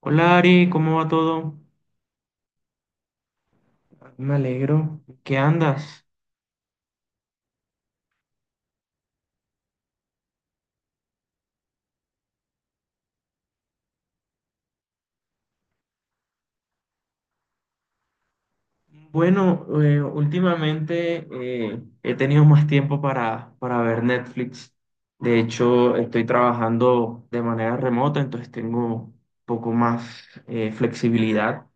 Hola Ari, ¿cómo va todo? Me alegro. ¿Qué andas? Bueno, Últimamente he tenido más tiempo para ver Netflix. De hecho, estoy trabajando de manera remota, entonces tengo un poco más flexibilidad.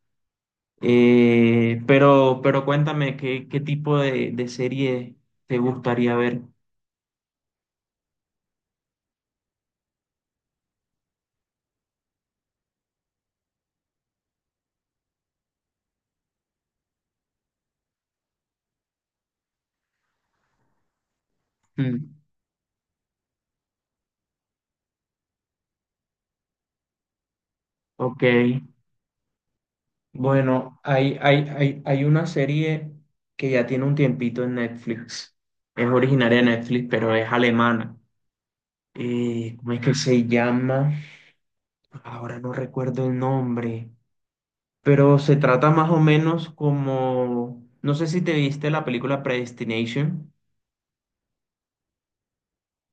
Pero cuéntame, ¿qué tipo de serie te gustaría ver? Mm. Ok. Bueno, hay una serie que ya tiene un tiempito en Netflix. Es originaria de Netflix, pero es alemana. ¿Cómo es que se llama? Ahora no recuerdo el nombre. Pero se trata más o menos como no sé si te viste la película Predestination,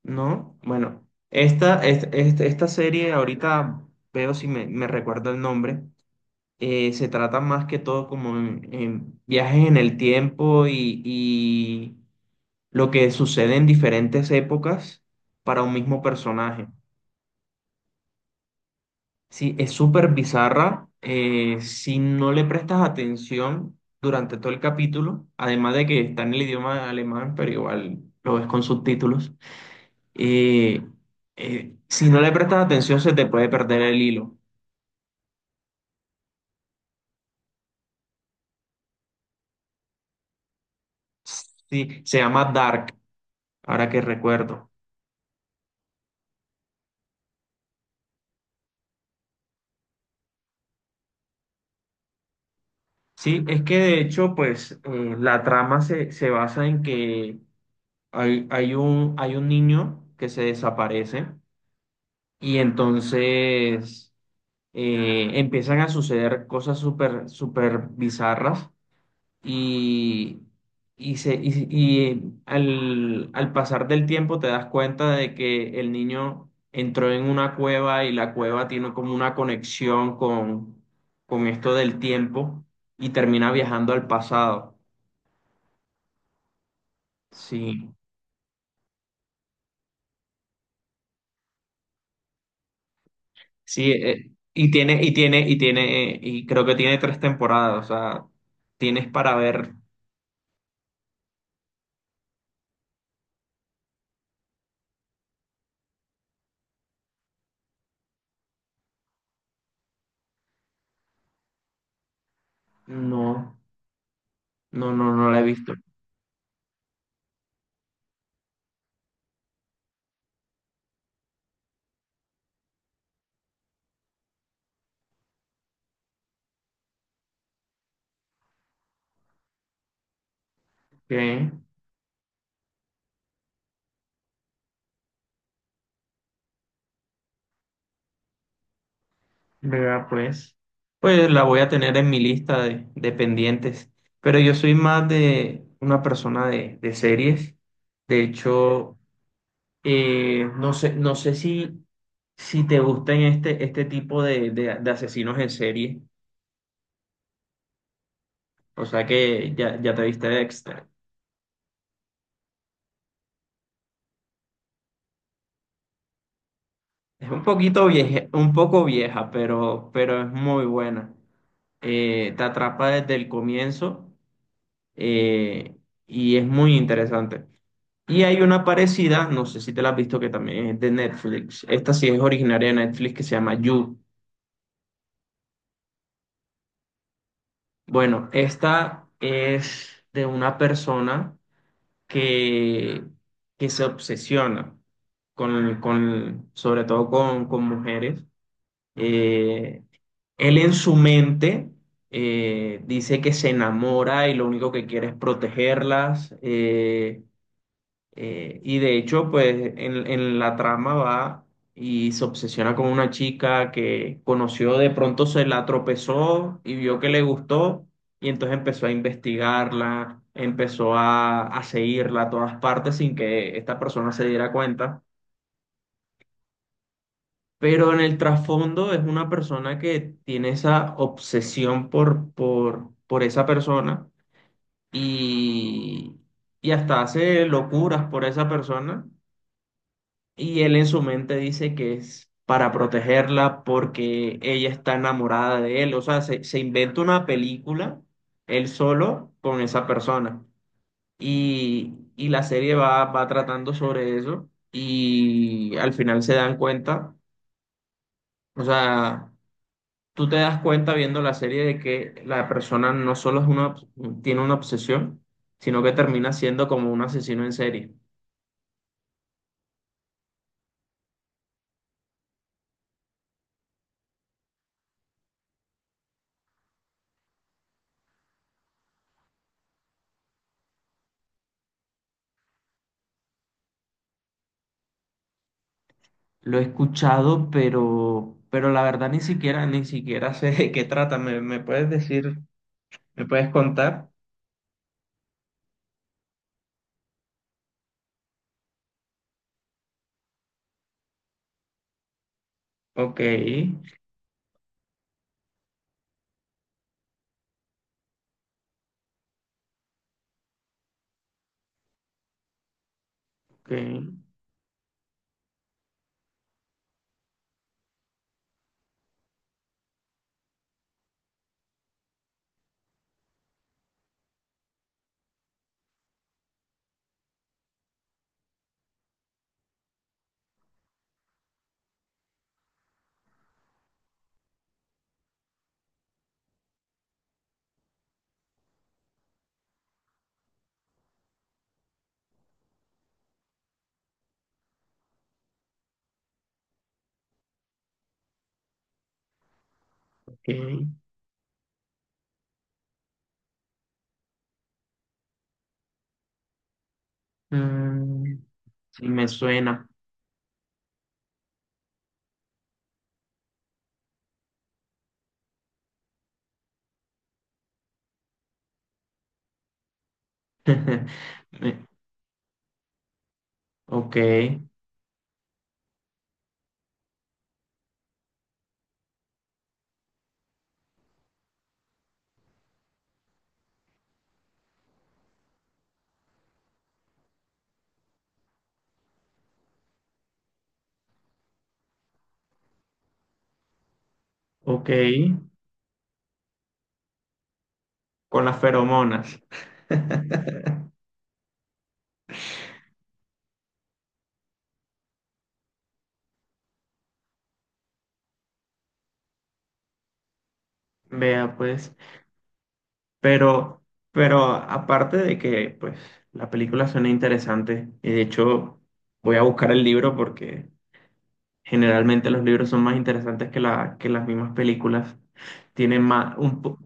¿no? Bueno, esta, esta serie ahorita veo si me recuerdo el nombre. Se trata más que todo como en viajes en el tiempo y lo que sucede en diferentes épocas para un mismo personaje. Sí, es súper bizarra. Si no le prestas atención durante todo el capítulo, además de que está en el idioma alemán, pero igual lo ves con subtítulos, eh, si no le prestas atención se te puede perder el hilo. Sí, se llama Dark, ahora que recuerdo. Sí, es que de hecho, pues la trama se basa en que hay un niño que se desaparece y entonces empiezan a suceder cosas súper, súper bizarras y, y al pasar del tiempo te das cuenta de que el niño entró en una cueva y la cueva tiene como una conexión con esto del tiempo y termina viajando al pasado. Sí, sí, y tiene, y creo que tiene tres temporadas, o sea, tienes para ver. No, no la he visto. Ok, vea, pues. Pues la voy a tener en mi lista de pendientes. Pero yo soy más de una persona de series. De hecho, no sé, si te gustan este tipo de asesinos en serie. O sea que ya, ya te viste Dexter. Es un poquito vieja, un poco vieja, pero es muy buena. Te atrapa desde el comienzo eh, y es muy interesante. Y hay una parecida, no sé si te la has visto, que también es de Netflix. Esta sí es originaria de Netflix, que se llama You. Bueno, esta es de una persona que, que se obsesiona sobre todo con mujeres. Eh, Él en su mente dice que se enamora y lo único que quiere es protegerlas. Y de hecho, pues en la trama va y se obsesiona con una chica que conoció, de pronto se la tropezó y vio que le gustó y entonces empezó a investigarla, empezó a seguirla a todas partes sin que esta persona se diera cuenta. Pero en el trasfondo es una persona que tiene esa obsesión por esa persona y, y hasta hace locuras por esa persona y él en su mente dice que es para protegerla porque ella está enamorada de él, o sea, se inventa una película él solo con esa persona y la serie va, va tratando sobre eso y al final se dan cuenta, o sea, tú te das cuenta viendo la serie de que la persona no solo es una, tiene una obsesión, sino que termina siendo como un asesino en serie. Lo he escuchado, pero la verdad ni siquiera, ni siquiera sé de qué trata. ¿Me puedes decir, me puedes contar? Ok, ok, ok. Mm, sí, me suena. Me- Ok, ok. Con las feromonas. Vea, pues. Pero, pero aparte de que, pues, la película suena interesante, y de hecho voy a buscar el libro porque generalmente los libros son más interesantes que la, que las mismas películas. Tienen más, un, po-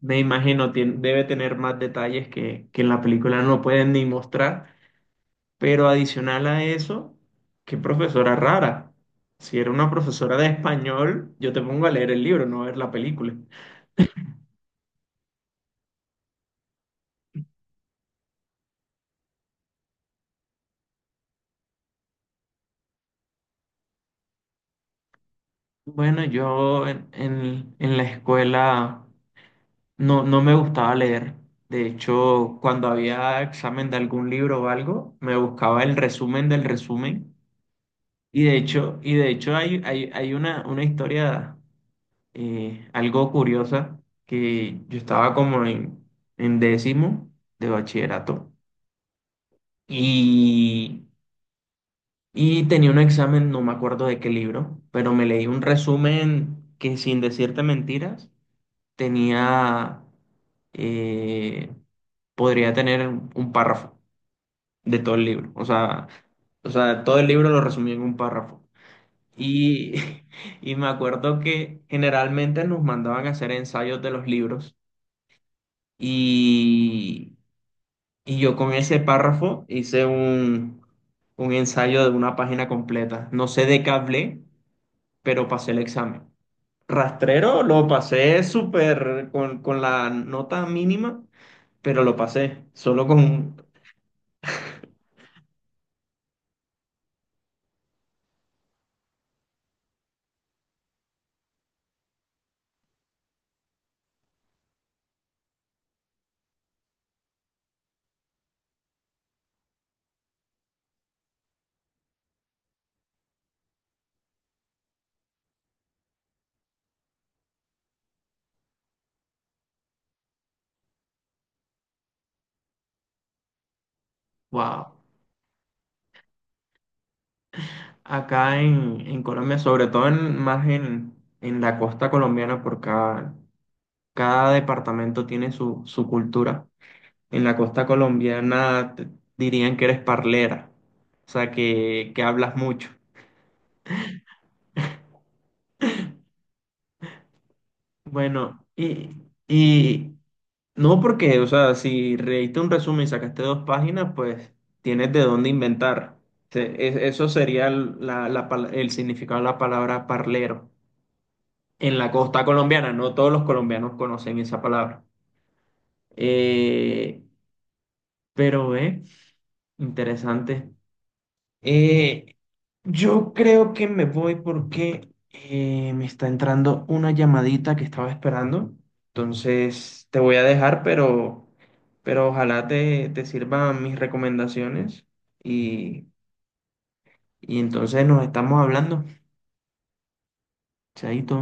me imagino, tien- debe tener más detalles que en la película no pueden ni mostrar. Pero adicional a eso, qué profesora rara. Si era una profesora de español, yo te pongo a leer el libro, no a ver la película. Bueno, yo en, en la escuela. No, no me gustaba leer. De hecho, cuando había examen de algún libro o algo, me buscaba el resumen del resumen. Y de hecho, hay una historia algo curiosa que yo estaba como en décimo de bachillerato y, y tenía un examen, no me acuerdo de qué libro, pero me leí un resumen que sin decirte mentiras tenía eh, podría tener un párrafo de todo el libro. O sea, todo el libro lo resumí en un párrafo. Y y me acuerdo que generalmente nos mandaban a hacer ensayos de los libros y, y yo con ese párrafo hice un ensayo de una página completa. No sé de qué hablé, pero pasé el examen. Rastrero lo pasé súper con la nota mínima, pero lo pasé solo con... ¡Wow! Acá en Colombia, sobre todo en, más en la costa colombiana, porque cada, cada departamento tiene su, su cultura. En la costa colombiana te- dirían que eres parlera, o sea, que hablas mucho. Bueno, y no porque, o sea, si leíste un resumen y sacaste dos páginas, pues tienes de dónde inventar. Se- es- Eso sería el- la pal- el significado de la palabra parlero. En la costa colombiana. No todos los colombianos conocen esa palabra. Eh, pero, eh, Interesante. Eh, yo creo que me voy porque me está entrando una llamadita que estaba esperando. Entonces, te voy a dejar, pero ojalá te, te sirvan mis recomendaciones. Y, y entonces nos estamos hablando. Chaito.